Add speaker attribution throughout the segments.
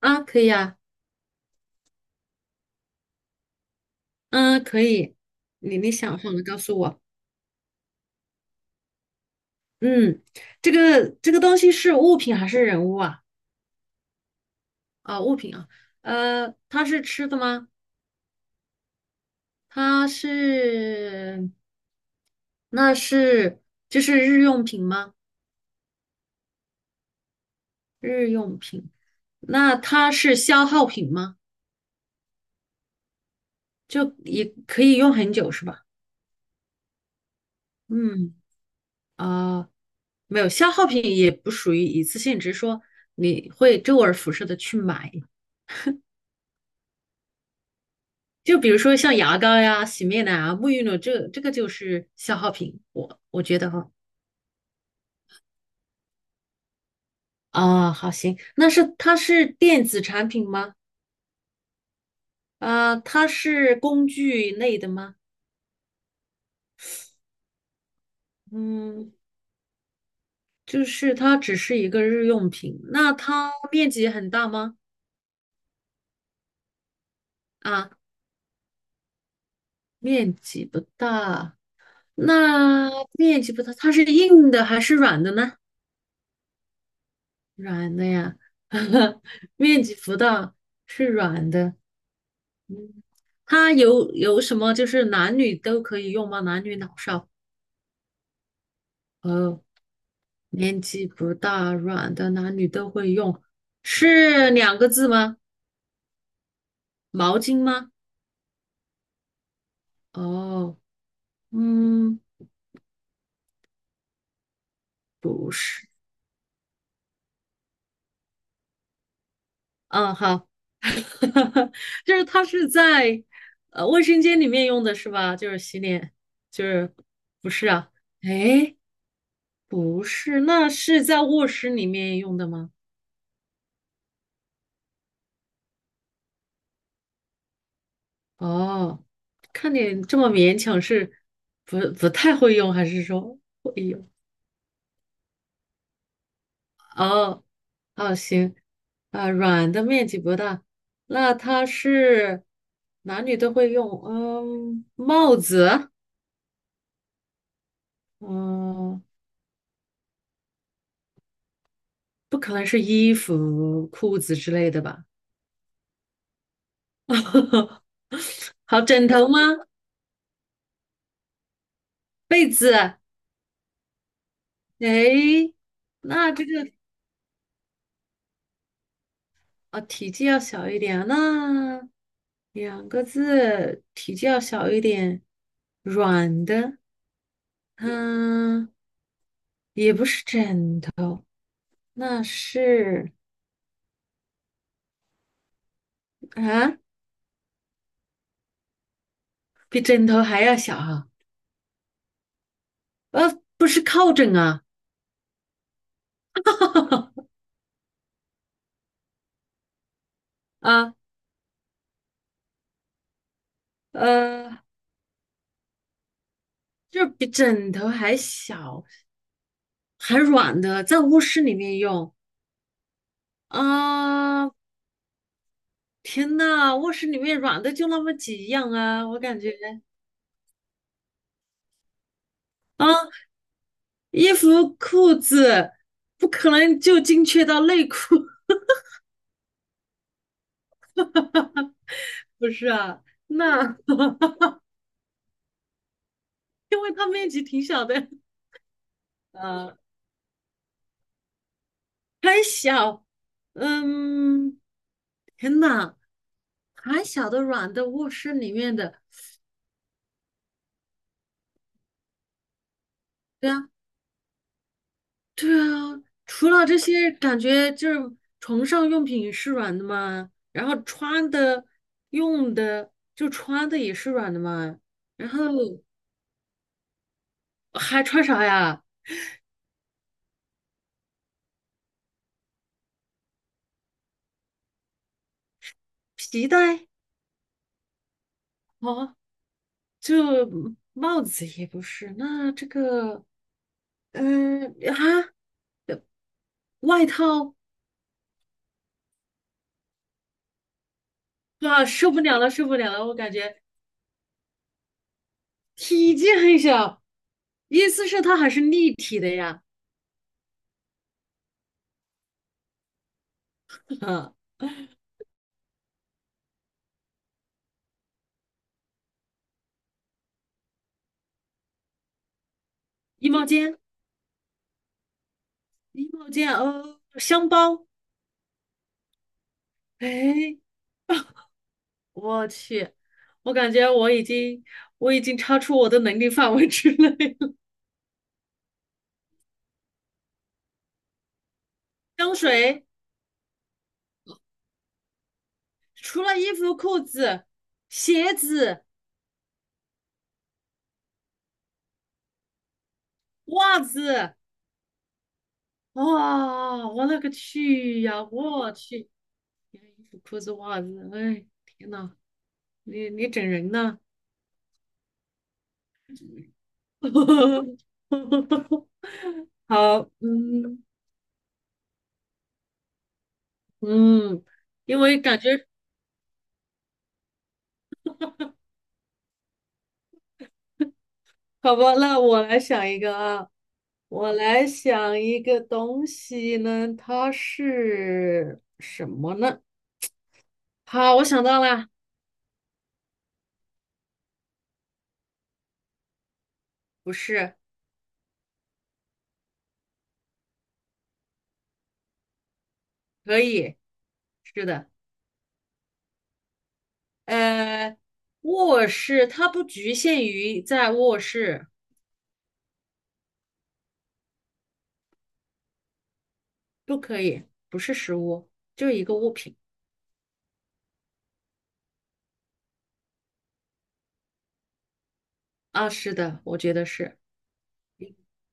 Speaker 1: 啊，可以啊。嗯，可以，你想好了告诉我。嗯，这个东西是物品还是人物啊？啊，物品啊。它是吃的吗？它是，那是就是日用品吗？日用品，那它是消耗品吗？就也可以用很久是吧？嗯，啊，没有，消耗品也不属于一次性，只是说你会周而复始的去买。就比如说像牙膏呀、洗面奶啊、沐浴露，这个就是消耗品，我觉得哈。啊，好行，那是它是电子产品吗？啊，它是工具类的吗？嗯，就是它只是一个日用品，那它面积很大吗？啊，面积不大，那面积不大，它是硬的还是软的呢？软的呀，面积不大，是软的。嗯它有什么就是男女都可以用吗？男女老少？哦，年纪不大，软的男女都会用，是两个字吗？毛巾吗？哦，嗯，不是，嗯，好，就是它是在卫生间里面用的是吧？就是洗脸，就是不是啊？哎，不是，那是在卧室里面用的吗？哦，看你这么勉强是不太会用，还是说会用？哦哦，行，啊，软的面积不大，那它是男女都会用，嗯，帽子，嗯，不可能是衣服、裤子之类的吧？好，枕头吗？被子？诶，那这个。啊，体积要小一点，那两个字，体积要小一点，软的，嗯，也不是枕头，那是啊，比枕头还要小啊，不是靠枕啊，啊，呃，就是比枕头还小，还软的，在卧室里面用啊，天呐，卧室里面软的就那么几样啊，我感觉。衣服、裤子不可能就精确到内裤，不是啊？那 因为它面积挺小的，呃，嗯，天呐，还小的软的卧室里面的，对啊，对啊，除了这些，感觉就是床上用品是软的嘛，然后穿的、用的，就穿的也是软的嘛，然后还穿啥呀？皮带。哦，就帽子也不是，那这个，嗯啊，外套啊，受不了了，受不了了，我感觉体积很小，意思是它还是立体的呀，啊，衣帽间，衣帽间，哦，香包，哎，我去，我感觉我已经超出我的能力范围之内了。香水除了衣服、裤子、鞋子、袜子。哇，我勒个去呀！我去，你看衣服、裤子、袜子，哎，天呐，你整人呢？好，嗯嗯，因为感觉好吧，那我来想一个啊，我来想一个东西呢，它是什么呢？好，我想到了，不是，可以，是的。呃，卧室它不局限于在卧室，不可以，不是实物，就是一个物品啊。是的，我觉得是，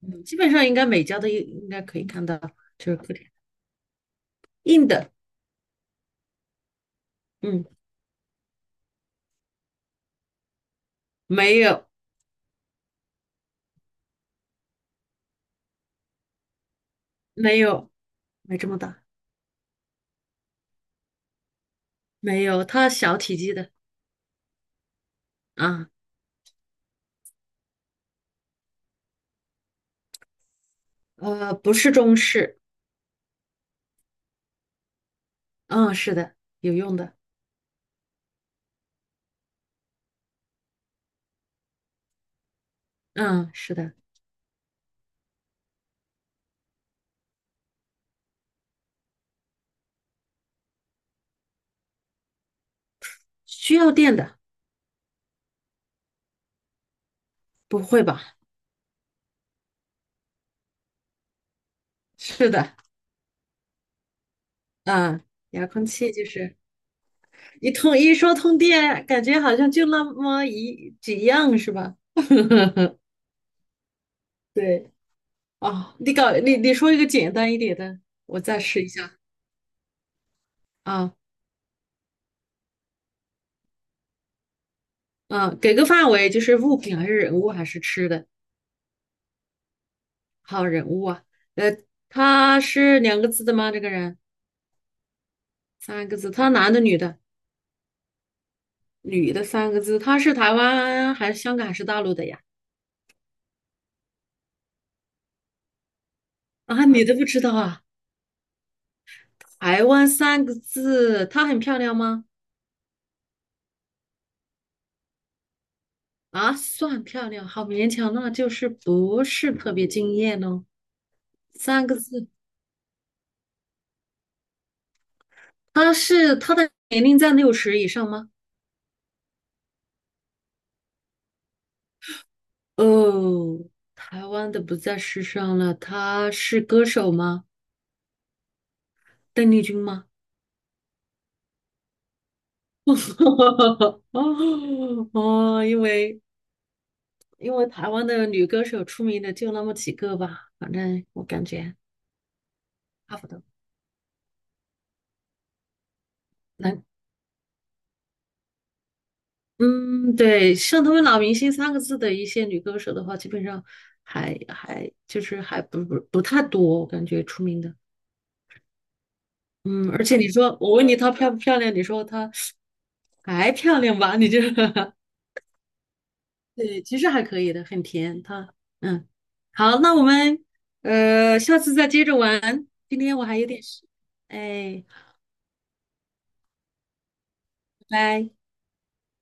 Speaker 1: 嗯，基本上应该每家都应该可以看到，就是客厅硬的，嗯，没有，没有，没这么大，没有，它小体积的啊，呃，不是中式，嗯，是的，有用的，嗯，是的，需要电的，不会吧？是的，嗯，遥控器就是。一通一说通电，感觉好像就那么一几样是吧？对哦，你搞你你说一个简单一点的，我再试一下啊啊，给个范围，就是物品还是人物还是吃的？好，人物啊。呃，他是两个字的吗？这个人三个字，他男的女的？女的三个字，他是台湾还是香港还是大陆的呀？啊，你都不知道啊？台湾三个字，她很漂亮吗？啊，算漂亮，好勉强，那就是不是特别惊艳哦。三个字，她的年龄在60以上吗？哦，台湾的不在世上了，她是歌手吗？邓丽君吗？哦哦，因为台湾的女歌手出名的就那么几个吧，反正我感觉差不多。难嗯，对，像他们“老明星”三个字的一些女歌手的话，基本上还还就是还不不不太多，我感觉出名的。嗯，而且你说我问你她漂不漂亮，你说她还漂亮吧？你就 对，其实还可以的，很甜。她嗯，好，那我们下次再接着玩。今天我还有点事，哎，拜拜。